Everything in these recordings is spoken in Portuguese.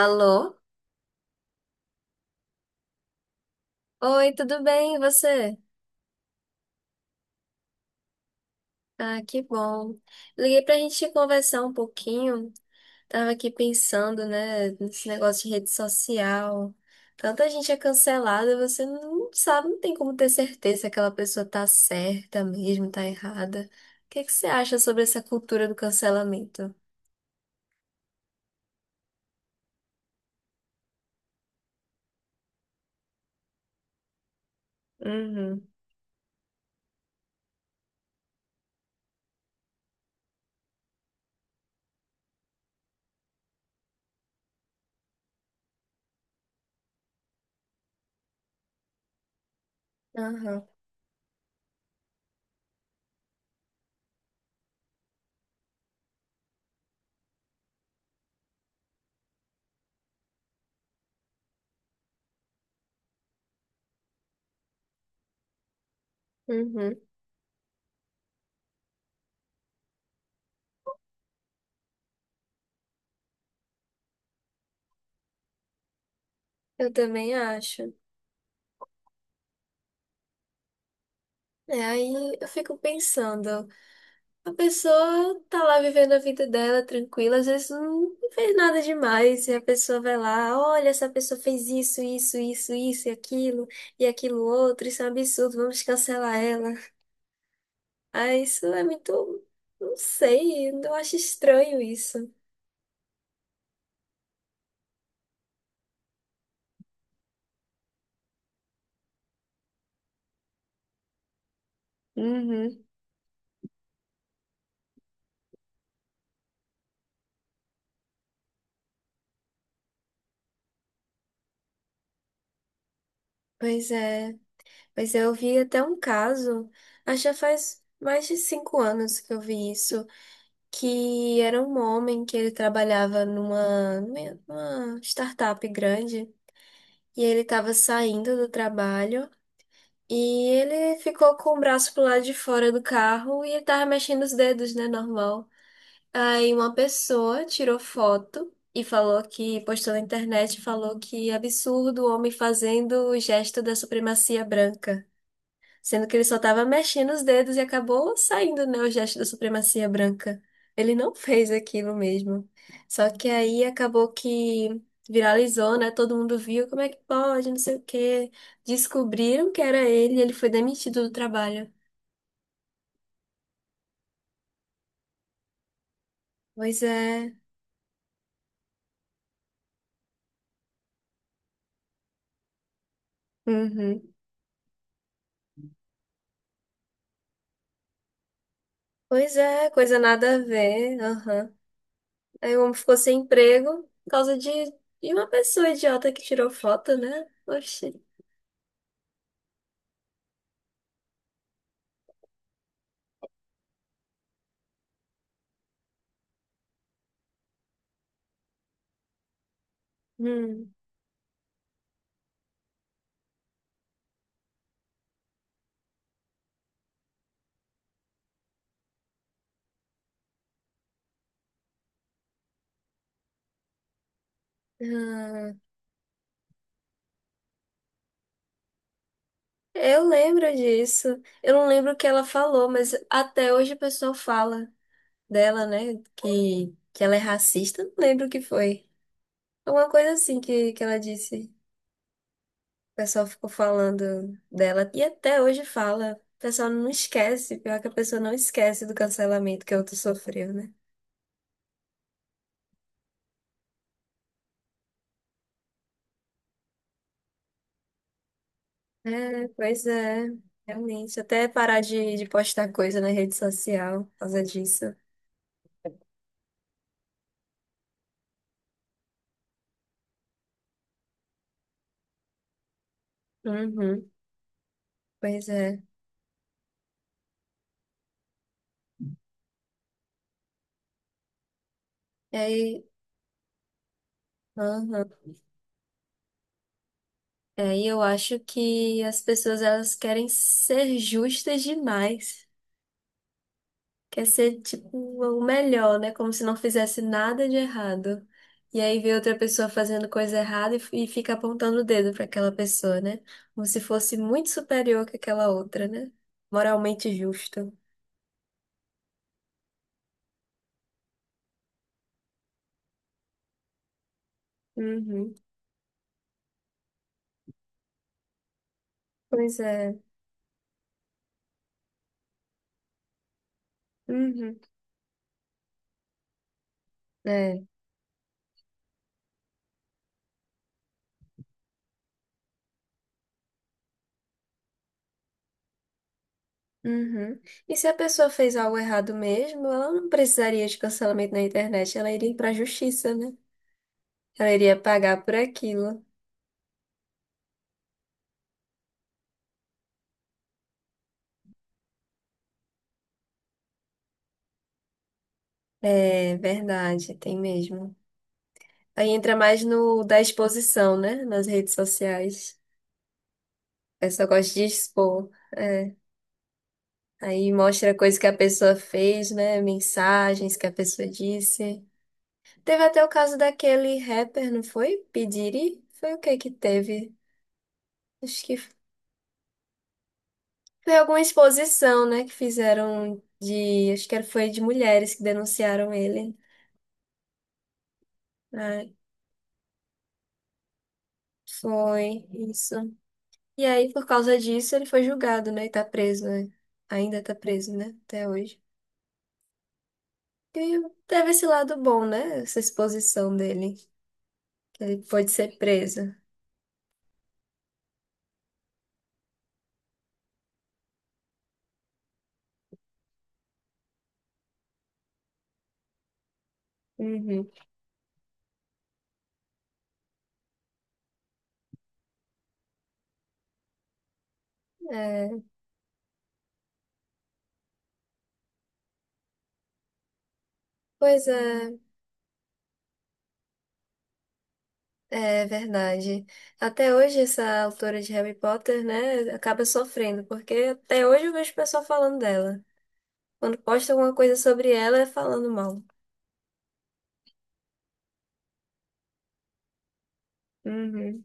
Alô? Oi, tudo bem? E você? Ah, que bom. Liguei pra gente conversar um pouquinho. Tava aqui pensando, né, nesse negócio de rede social. Tanta gente é cancelada, você não sabe, não tem como ter certeza se aquela pessoa tá certa mesmo, tá errada. O que que você acha sobre essa cultura do cancelamento? Uhum. Aham, uhum. Eu também acho. É, aí eu fico pensando. A pessoa tá lá vivendo a vida dela tranquila, às vezes não fez nada demais, e a pessoa vai lá, olha, essa pessoa fez isso, isso, isso, isso, e aquilo outro, isso é um absurdo, vamos cancelar ela. Ah, isso é muito, não sei, eu acho estranho isso. Uhum, pois é, pois é, eu vi até um caso, acho que já faz mais de 5 anos que eu vi isso, que era um homem que ele trabalhava numa startup grande. E ele estava saindo do trabalho e ele ficou com o braço pro lado de fora do carro e ele tava mexendo os dedos, né? Normal. Aí uma pessoa tirou foto e falou que, postou na internet, falou que absurdo o homem fazendo o gesto da supremacia branca. Sendo que ele só estava mexendo os dedos e acabou saindo, né, o gesto da supremacia branca. Ele não fez aquilo mesmo. Só que aí acabou que viralizou, né? Todo mundo viu, como é que pode, não sei o quê. Descobriram que era ele e ele foi demitido do trabalho. Pois é. Uhum. Pois é, coisa nada a ver. Aham. Aí o homem ficou sem emprego por causa de uma pessoa idiota que tirou foto, né? Oxi. Hum. Ah. Eu lembro disso. Eu não lembro o que ela falou, mas até hoje o pessoal fala dela, né? Que ela é racista. Não lembro o que foi. Alguma coisa assim que ela disse. O pessoal ficou falando dela. E até hoje fala. O pessoal não esquece. Pior que a pessoa não esquece do cancelamento que a outra sofreu, né? É, pois é. Realmente. Até parar de postar coisa na rede social por causa disso. Uhum. Pois é. E aí. Aham. É, e eu acho que as pessoas elas querem ser justas demais. Quer ser tipo o melhor, né? Como se não fizesse nada de errado. E aí vê outra pessoa fazendo coisa errada e, e fica apontando o dedo para aquela pessoa, né? Como se fosse muito superior que aquela outra, né? Moralmente justo. Uhum. Pois é. Uhum. É. Uhum. E se a pessoa fez algo errado mesmo, ela não precisaria de cancelamento na internet, ela iria para a justiça, né? Ela iria pagar por aquilo. É verdade, tem mesmo. Aí entra mais no da exposição, né? Nas redes sociais. A pessoa gosta de expor. É. Aí mostra coisa que a pessoa fez, né? Mensagens que a pessoa disse. Teve até o caso daquele rapper, não foi? Pediri? Foi o que que teve? Acho que foi alguma exposição, né? Que fizeram de. Acho que foi de mulheres que denunciaram ele. Ai, foi isso. E aí, por causa disso, ele foi julgado, né? E tá preso, né? Ainda tá preso, né? Até hoje. E teve esse lado bom, né? Essa exposição dele, que ele pôde ser preso. Uhum. É, pois é, é verdade. Até hoje, essa autora de Harry Potter, né, acaba sofrendo, porque até hoje eu vejo o pessoal falando dela. Quando posta alguma coisa sobre ela, é falando mal. Uhum.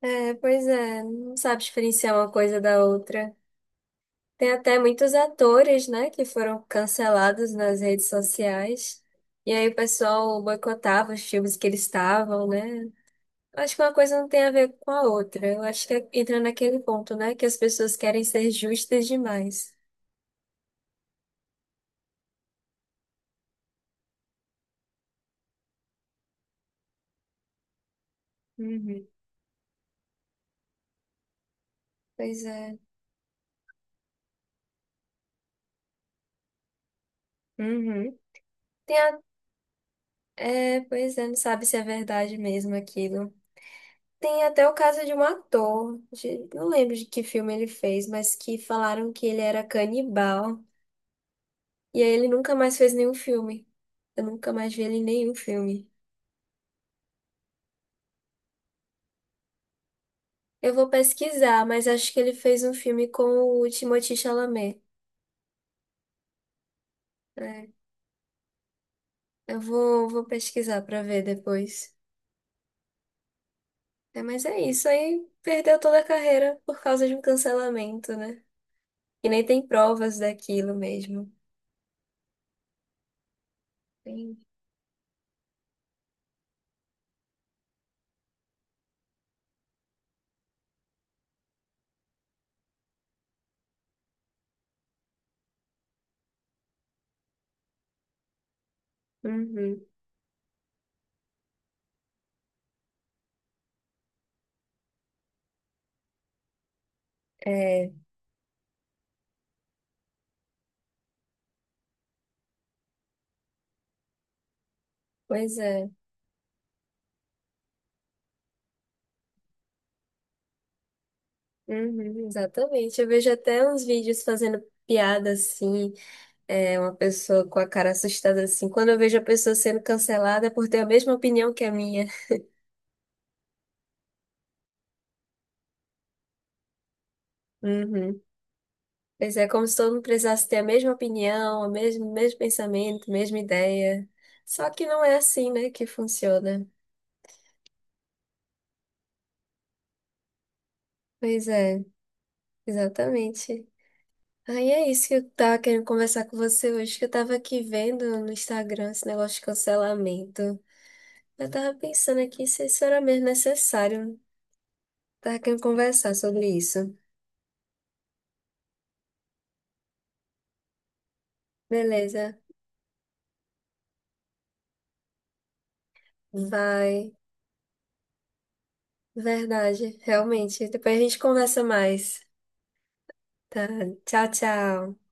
É, pois é, não sabe diferenciar uma coisa da outra. Tem até muitos atores, né, que foram cancelados nas redes sociais. E aí o pessoal boicotava os filmes que eles estavam, né? Acho que uma coisa não tem a ver com a outra. Eu acho que é, entra naquele ponto, né, que as pessoas querem ser justas demais. Uhum. Pois é. Uhum. Tem a... é, pois é, não sabe se é verdade mesmo aquilo. Tem até o caso de um ator, não lembro de que filme ele fez, mas que falaram que ele era canibal. E aí ele nunca mais fez nenhum filme. Eu nunca mais vi ele em nenhum filme. Eu vou pesquisar, mas acho que ele fez um filme com o Timothée Chalamet. É, eu vou, vou pesquisar pra ver depois. É, mas é isso aí. Perdeu toda a carreira por causa de um cancelamento, né? E nem tem provas daquilo mesmo. Tem- Uhum. É, pois é. Uhum, exatamente. Eu vejo até uns vídeos fazendo piada assim. É uma pessoa com a cara assustada assim. Quando eu vejo a pessoa sendo cancelada é por ter a mesma opinião que a minha. Uhum. Pois é, como se todo mundo precisasse ter a mesma opinião, o mesmo, mesmo pensamento, mesma ideia. Só que não é assim, né, que funciona. Pois é, exatamente. Aí é isso que eu tava querendo conversar com você hoje, que eu tava aqui vendo no Instagram esse negócio de cancelamento. Eu tava pensando aqui se isso era mesmo necessário. Tava querendo conversar sobre isso. Beleza, vai. Verdade, realmente. Depois a gente conversa mais. Tá. Tchau, tchau.